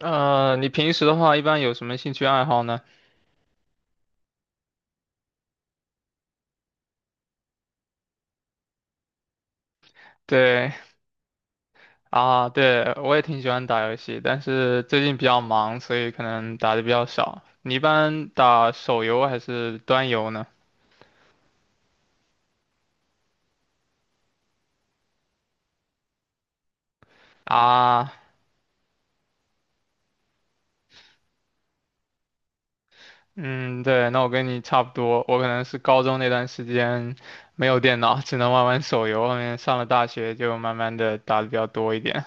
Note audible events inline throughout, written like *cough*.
你平时的话一般有什么兴趣爱好呢？对啊，对，我也挺喜欢打游戏，但是最近比较忙，所以可能打的比较少。你一般打手游还是端游呢？啊，嗯，对，那我跟你差不多，我可能是高中那段时间没有电脑，只能玩玩手游，后面上了大学就慢慢的打的比较多一点。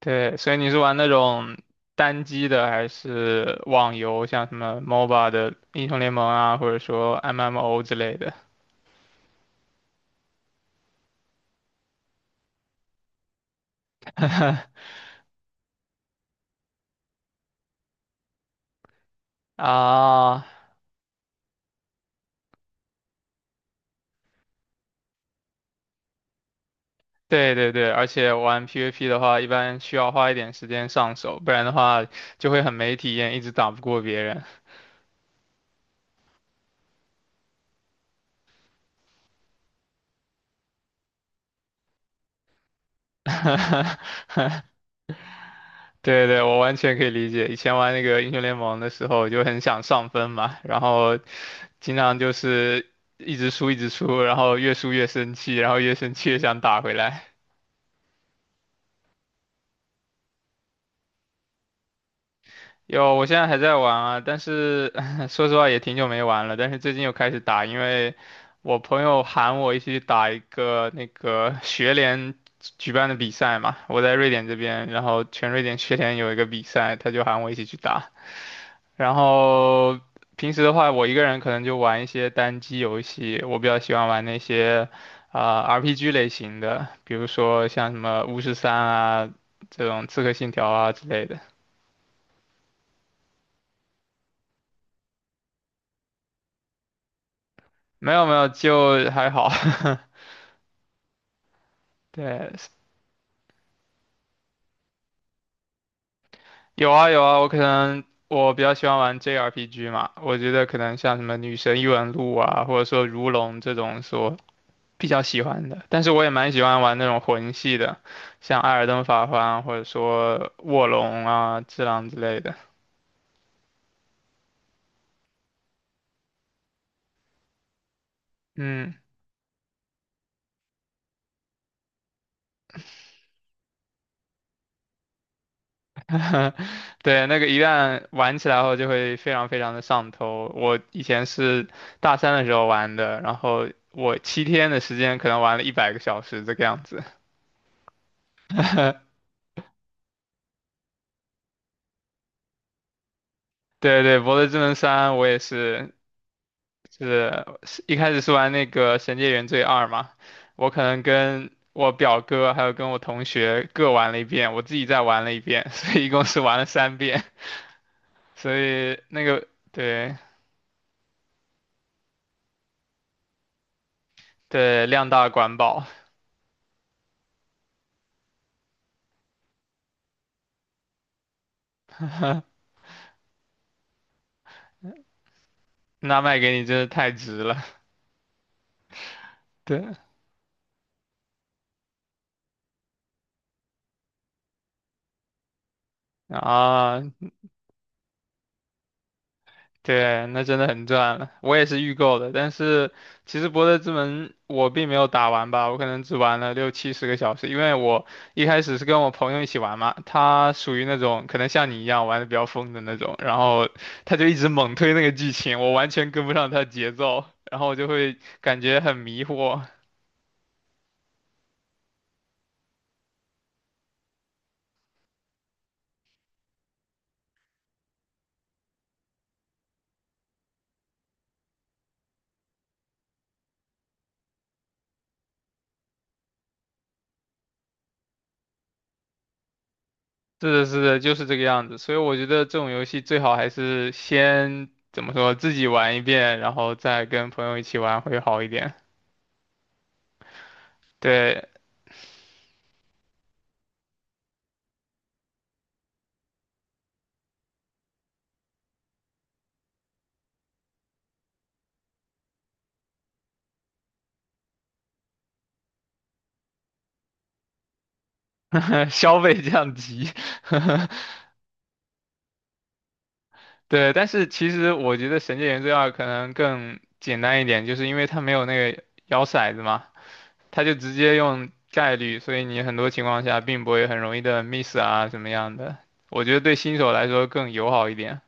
对，所以你是玩那种单机的，还是网游，像什么 MOBA 的英雄联盟啊，或者说 MMO 之类的？*laughs* 啊，对对对，而且玩 PVP 的话，一般需要花一点时间上手，不然的话就会很没体验，一直打不过别人。*laughs* 对对，我完全可以理解。以前玩那个英雄联盟的时候，就很想上分嘛，然后经常就是一直输一直输，然后越输越生气，然后越生气越想打回来。*laughs* 有，我现在还在玩啊，但是 *laughs* 说实话也挺久没玩了，但是最近又开始打，因为我朋友喊我一起打一个那个学联举办的比赛嘛，我在瑞典这边，然后全瑞典学联有一个比赛，他就喊我一起去打。然后平时的话，我一个人可能就玩一些单机游戏，我比较喜欢玩那些啊、RPG 类型的，比如说像什么巫师三啊这种刺客信条啊之类的。没有没有，就还好。*laughs* 对，有啊有啊，我可能我比较喜欢玩 JRPG 嘛，我觉得可能像什么《女神异闻录》啊，或者说《如龙》这种说比较喜欢的，但是我也蛮喜欢玩那种魂系的，像《艾尔登法环》啊或者说《卧龙》啊、《只狼》之类的。嗯，*laughs* 对，那个一旦玩起来后就会非常非常的上头。我以前是大三的时候玩的，然后我7天的时间可能玩了100个小时这个样子。对对，《博德之门三》我也是一开始是玩那个《神界原罪二》嘛，我可能跟我表哥还有跟我同学各玩了一遍，我自己再玩了一遍，*laughs* 所以一共是玩了三遍。所以那个对对量大管饱，那卖给你真是太值了。对啊，对，那真的很赚了。我也是预购的，但是其实《博德之门》我并没有打完吧，我可能只玩了六七十个小时，因为我一开始是跟我朋友一起玩嘛，他属于那种可能像你一样玩的比较疯的那种，然后他就一直猛推那个剧情，我完全跟不上他的节奏，然后我就会感觉很迷惑。是的，是的，就是这个样子。所以我觉得这种游戏最好还是先怎么说，自己玩一遍，然后再跟朋友一起玩会好一点。对，*laughs* 消费降级，*laughs* 对，但是其实我觉得《神界原罪二》可能更简单一点，就是因为它没有那个摇骰子嘛，它就直接用概率，所以你很多情况下并不会很容易的 miss 啊什么样的。我觉得对新手来说更友好一点。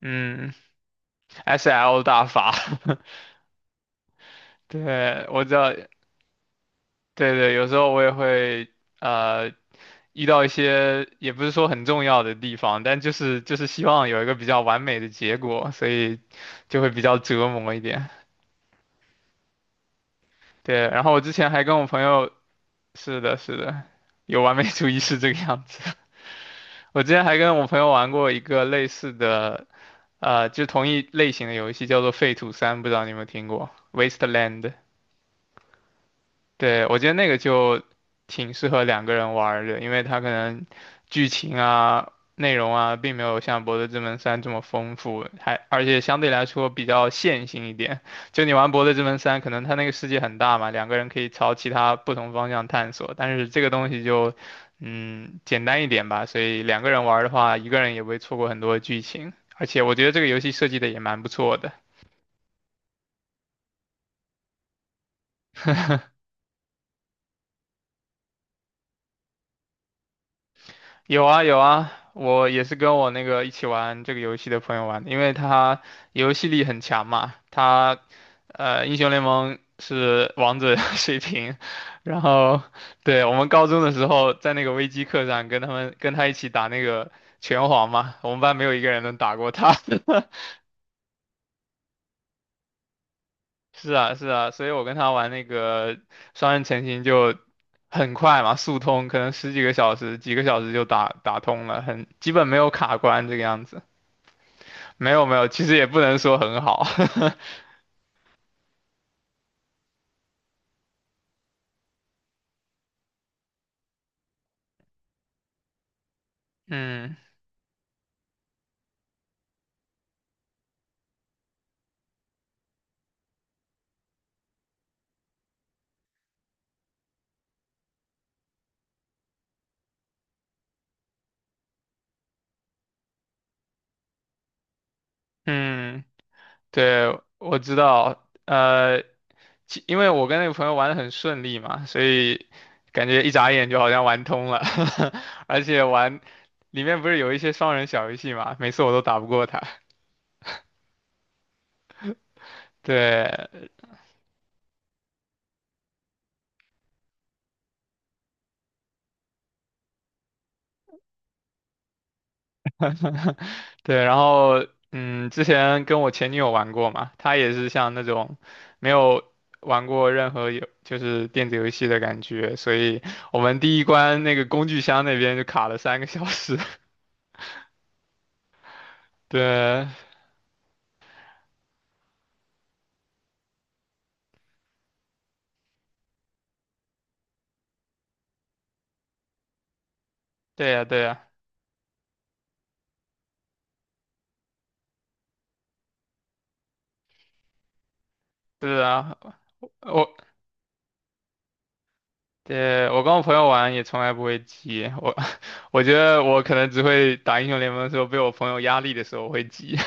嗯，SL 大法，*laughs* 对，我知道对对，有时候我也会呃遇到一些也不是说很重要的地方，但就是希望有一个比较完美的结果，所以就会比较折磨一点。对，然后我之前还跟我朋友，是的，是的，有完美主义是这个样子。*laughs* 我之前还跟我朋友玩过一个类似的，就同一类型的游戏，叫做《废土三》，不知道你有没有听过《Wasteland》。对，我觉得那个就挺适合两个人玩儿的，因为它可能剧情啊、内容啊，并没有像《博德之门三》这么丰富，还而且相对来说比较线性一点。就你玩《博德之门三》，可能它那个世界很大嘛，两个人可以朝其他不同方向探索，但是这个东西就嗯简单一点吧，所以两个人玩儿的话，一个人也不会错过很多剧情，而且我觉得这个游戏设计的也蛮不错的。有啊有啊，我也是跟我那个一起玩这个游戏的朋友玩的因为他游戏力很强嘛，他英雄联盟是王者 *laughs* 水平，然后对我们高中的时候在那个微机课上跟他一起打那个拳皇嘛，我们班没有一个人能打过他。*laughs* 是啊是啊，所以我跟他玩那个双人成行就很快嘛，速通，可能十几个小时几个小时就打通了，很基本没有卡关这个样子。没有没有，其实也不能说很好。*laughs* 嗯嗯，对，我知道。呃，因为我跟那个朋友玩的很顺利嘛，所以感觉一眨眼就好像玩通了，*laughs* 而且玩里面不是有一些双人小游戏嘛，每次我都打不过他。*laughs* 对，*laughs* 对，然后之前跟我前女友玩过嘛，她也是像那种没有玩过任何有就是电子游戏的感觉，所以我们第一关那个工具箱那边就卡了三个小时。*laughs* 对，对呀，对呀，对啊，我对我跟我朋友玩也从来不会急，我 *laughs* 我觉得我可能只会打英雄联盟的时候被我朋友压力的时候会急，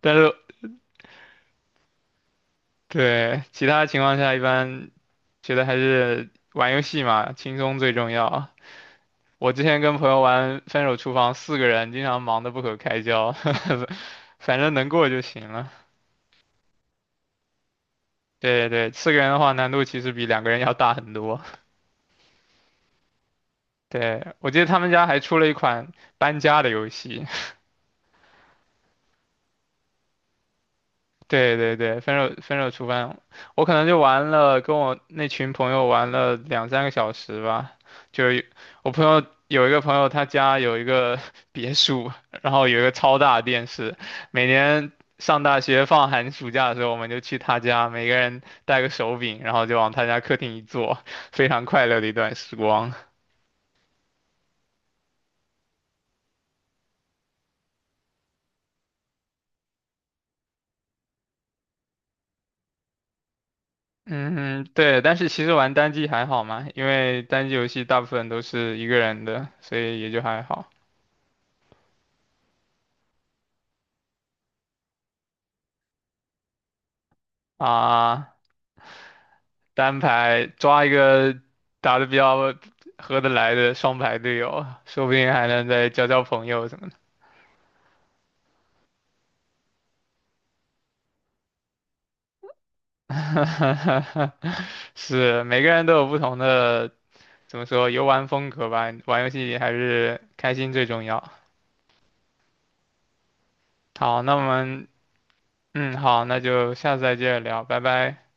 *laughs* 但是对，其他情况下一般觉得还是玩游戏嘛，轻松最重要。我之前跟朋友玩《分手厨房》，四个人经常忙得不可开交，*laughs* 反正能过就行了。对对，对，四个人的话难度其实比两个人要大很多。对，我记得他们家还出了一款搬家的游戏，对对对，分手厨房，我可能就玩了，跟我那群朋友玩了两三个小时吧。就是我朋友有一个朋友，他家有一个 *laughs* 别墅，然后有一个超大的电视。每年上大学放寒暑假的时候，我们就去他家，每个人带个手柄，然后就往他家客厅一坐，非常快乐的一段时光。嗯，对，但是其实玩单机还好嘛，因为单机游戏大部分都是一个人的，所以也就还好啊。单排抓一个打得比较合得来的双排队友，说不定还能再交交朋友什么的。*laughs* 是，每个人都有不同的，怎么说，游玩风格吧。玩游戏还是开心最重要。好，那我们，嗯，好，那就下次再接着聊，拜拜。